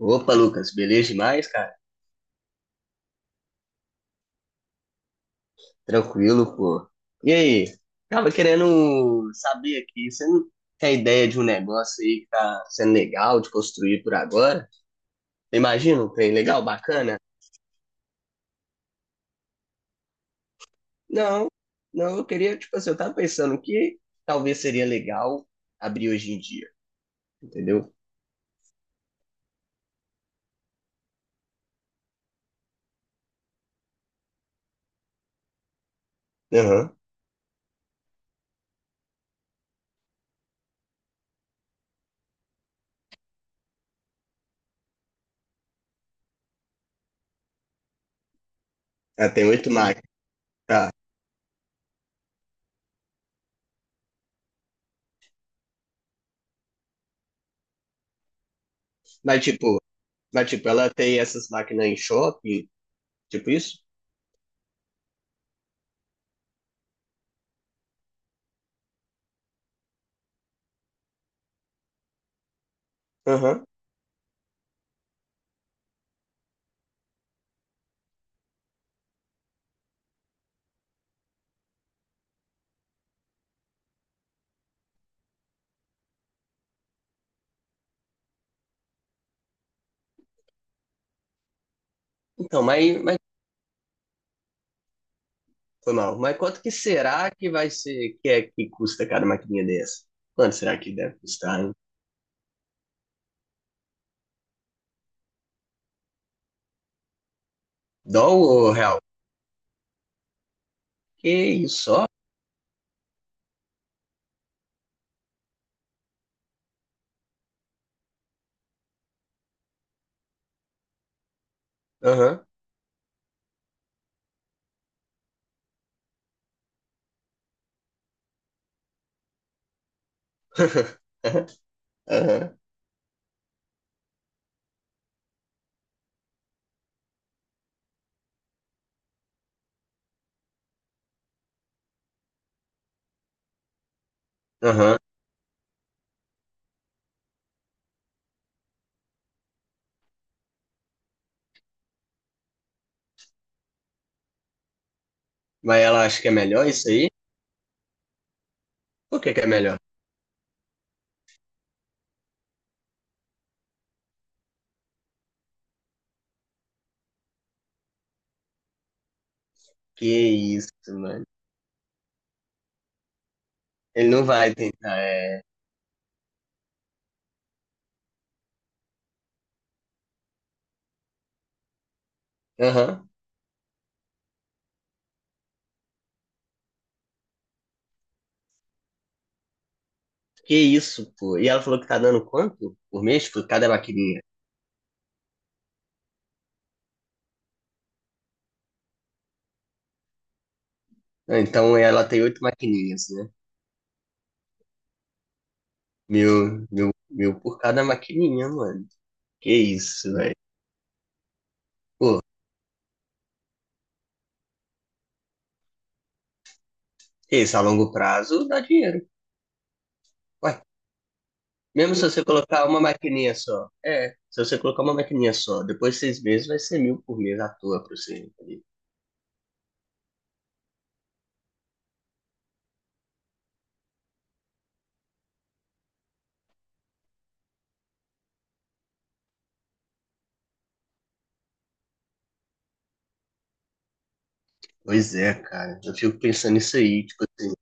Opa, Lucas, beleza demais, cara? Tranquilo, pô. E aí? Tava querendo saber aqui, você não tem ideia de um negócio aí que tá sendo legal de construir por agora? Imagina um trem legal, bacana? Não, não, eu queria, tipo assim, eu tava pensando que talvez seria legal abrir hoje em dia, entendeu? Aham. Ela tem oito máquinas, tá. Mas tipo, mas tipo, ela tem essas máquinas em shopping, tipo isso? Aham. Então, mas foi mal. Mas quanto que será que vai ser, que é que custa cada maquininha dessa? Quanto será que deve custar, hein? Dólar ou real? Que isso, só? Aham. Aham. Aham. Mas ela acha que é melhor isso aí? Por que que é melhor? Que isso, mano. Ele não vai tentar, é. Aham. Que isso, pô. E ela falou que tá dando quanto por mês por cada maquininha? Ah, então ela tem oito maquininhas, né? Mil, mil, mil por cada maquininha, mano. Que isso, velho. Pô, isso a longo prazo dá dinheiro. Ué, mesmo se você colocar uma maquininha só. É, se você colocar uma maquininha só, depois de 6 meses vai ser mil por mês à toa pra você, entendeu? Pois é, cara. Eu fico pensando nisso aí, tipo assim.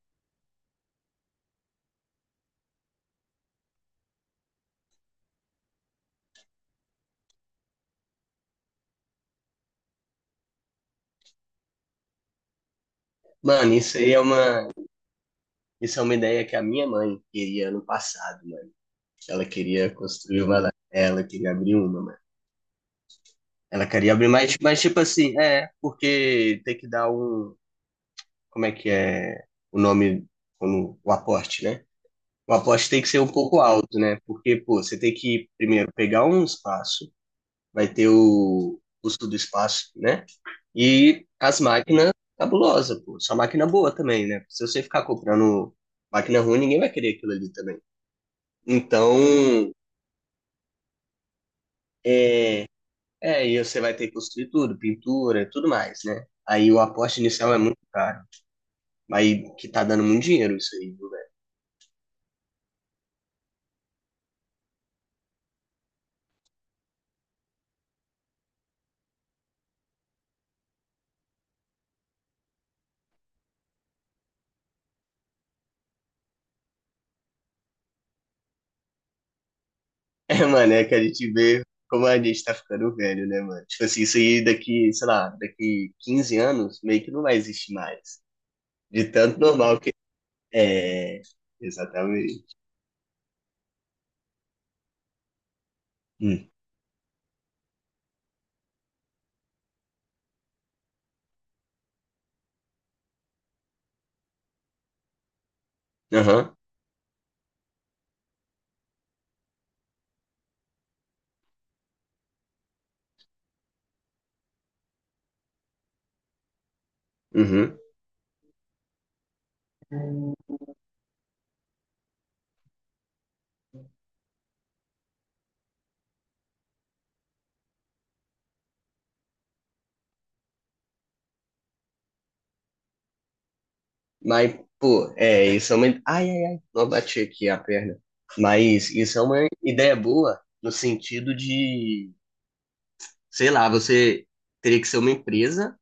Mano, isso é uma ideia que a minha mãe queria ano passado, mano. Ela queria construir uma, lá. Ela queria abrir uma, mano. Ela queria abrir mais, mas tipo assim, é, porque tem que dar um, como é que é o nome, como, o aporte, né? O aposta tem que ser um pouco alto, né? Porque, pô, você tem que primeiro pegar um espaço, vai ter o custo do espaço, né? E as máquinas cabulosa, pô. Só máquina boa também, né? Se você ficar comprando máquina ruim, ninguém vai querer aquilo ali também. Então, é, é, e você vai ter que construir tudo, pintura, tudo mais, né? Aí o aposta inicial é muito caro, mas que tá dando muito dinheiro isso aí, viu. É, mano, é que a gente vê como a gente tá ficando velho, né, mano? Tipo assim, isso aí daqui, sei lá, daqui 15 anos, meio que não vai existir mais. De tanto normal que. É, é, exatamente. Hum. Aham, uhum. Mas, pô, é, isso é uma. Ai, ai, ai, não bati aqui a perna. Mas isso é uma ideia boa no sentido de, sei lá, você teria que ser uma empresa.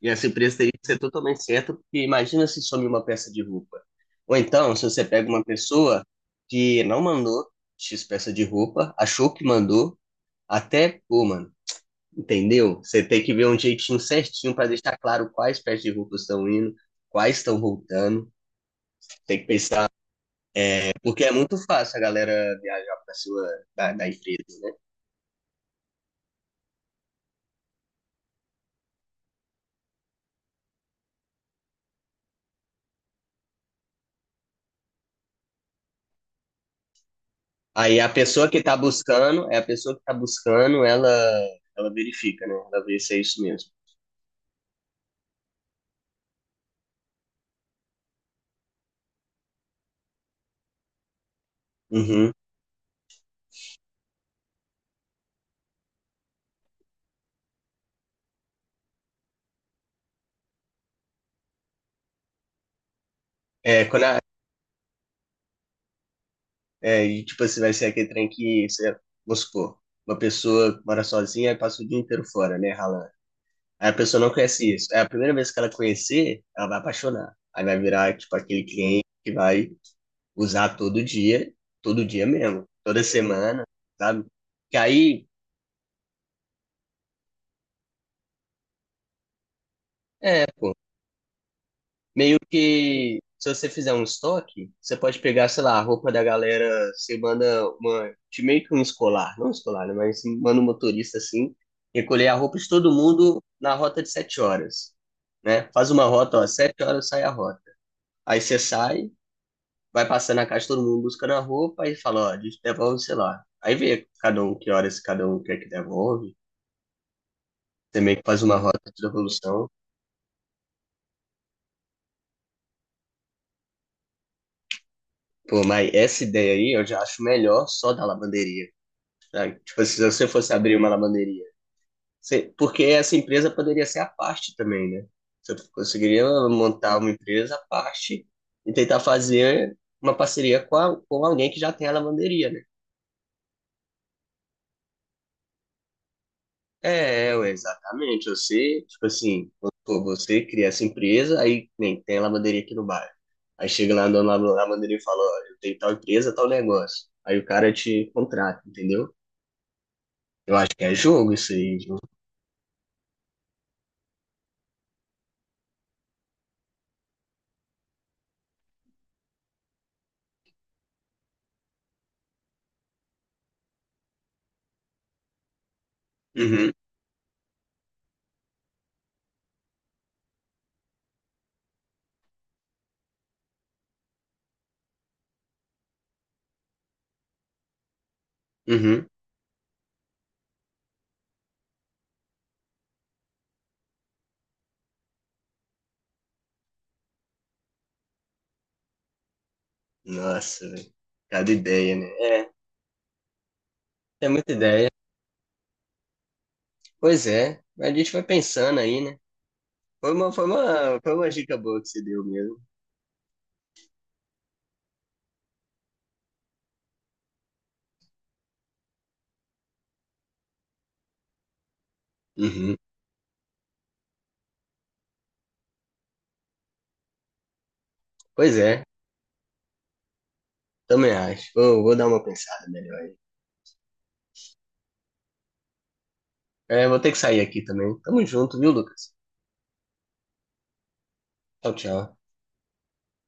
E essa empresa teria que ser totalmente certa, porque imagina se some uma peça de roupa. Ou então, se você pega uma pessoa que não mandou X peça de roupa, achou que mandou, até, pô, mano, entendeu? Você tem que ver um jeitinho certinho para deixar claro quais peças de roupa estão indo, quais estão voltando. Tem que pensar, porque é muito fácil a galera viajar para sua da, da empresa, né? Aí a pessoa que tá buscando, ela verifica, né? Ela vê se é isso mesmo. Uhum. É, quando a É, e tipo assim, vai ser aquele trem que, você, vamos supor, uma pessoa mora sozinha e passa o dia inteiro fora, né, ralando. Aí a pessoa não conhece isso. É a primeira vez que ela conhecer, ela vai apaixonar. Aí vai virar, tipo, aquele cliente que vai usar todo dia mesmo, toda semana, sabe? Que aí, é, pô, meio que se você fizer um estoque, você pode pegar, sei lá, a roupa da galera, você manda uma, de meio que um escolar, não um escolar, né, mas manda um motorista assim, recolher a roupa de todo mundo na rota de 7 horas, né? Faz uma rota, ó, 7 horas sai a rota. Aí você sai, vai passando na casa de todo mundo buscando a roupa e fala, ó, a gente devolve, sei lá. Aí vê cada um que horas cada um quer que devolve. Você meio que faz uma rota de devolução. Pô, mas essa ideia aí eu já acho melhor só da lavanderia. Tá? Tipo assim, se você fosse abrir uma lavanderia. Você- porque essa empresa poderia ser à parte também, né? Você conseguiria montar uma empresa à parte e tentar fazer uma parceria com, a- com alguém que já tem a lavanderia, né? É, ué, exatamente. Você, tipo assim, pô, você cria essa empresa, aí nem tem a lavanderia aqui no bairro. Aí chega lá a dona da lavanderia e fala, ó, eu tenho tal empresa, tal negócio. Aí o cara te contrata, entendeu? Eu acho que é jogo isso aí, viu? Uhum, uhum. Nossa, velho. Cada ideia, né? É, tem muita ideia. Pois é, a gente vai pensando aí, né? Foi uma dica boa que você deu mesmo. Uhum. Pois é, também acho. Vou dar uma pensada melhor aí. É, vou ter que sair aqui também. Tamo junto, viu, Lucas? Tchau, tchau.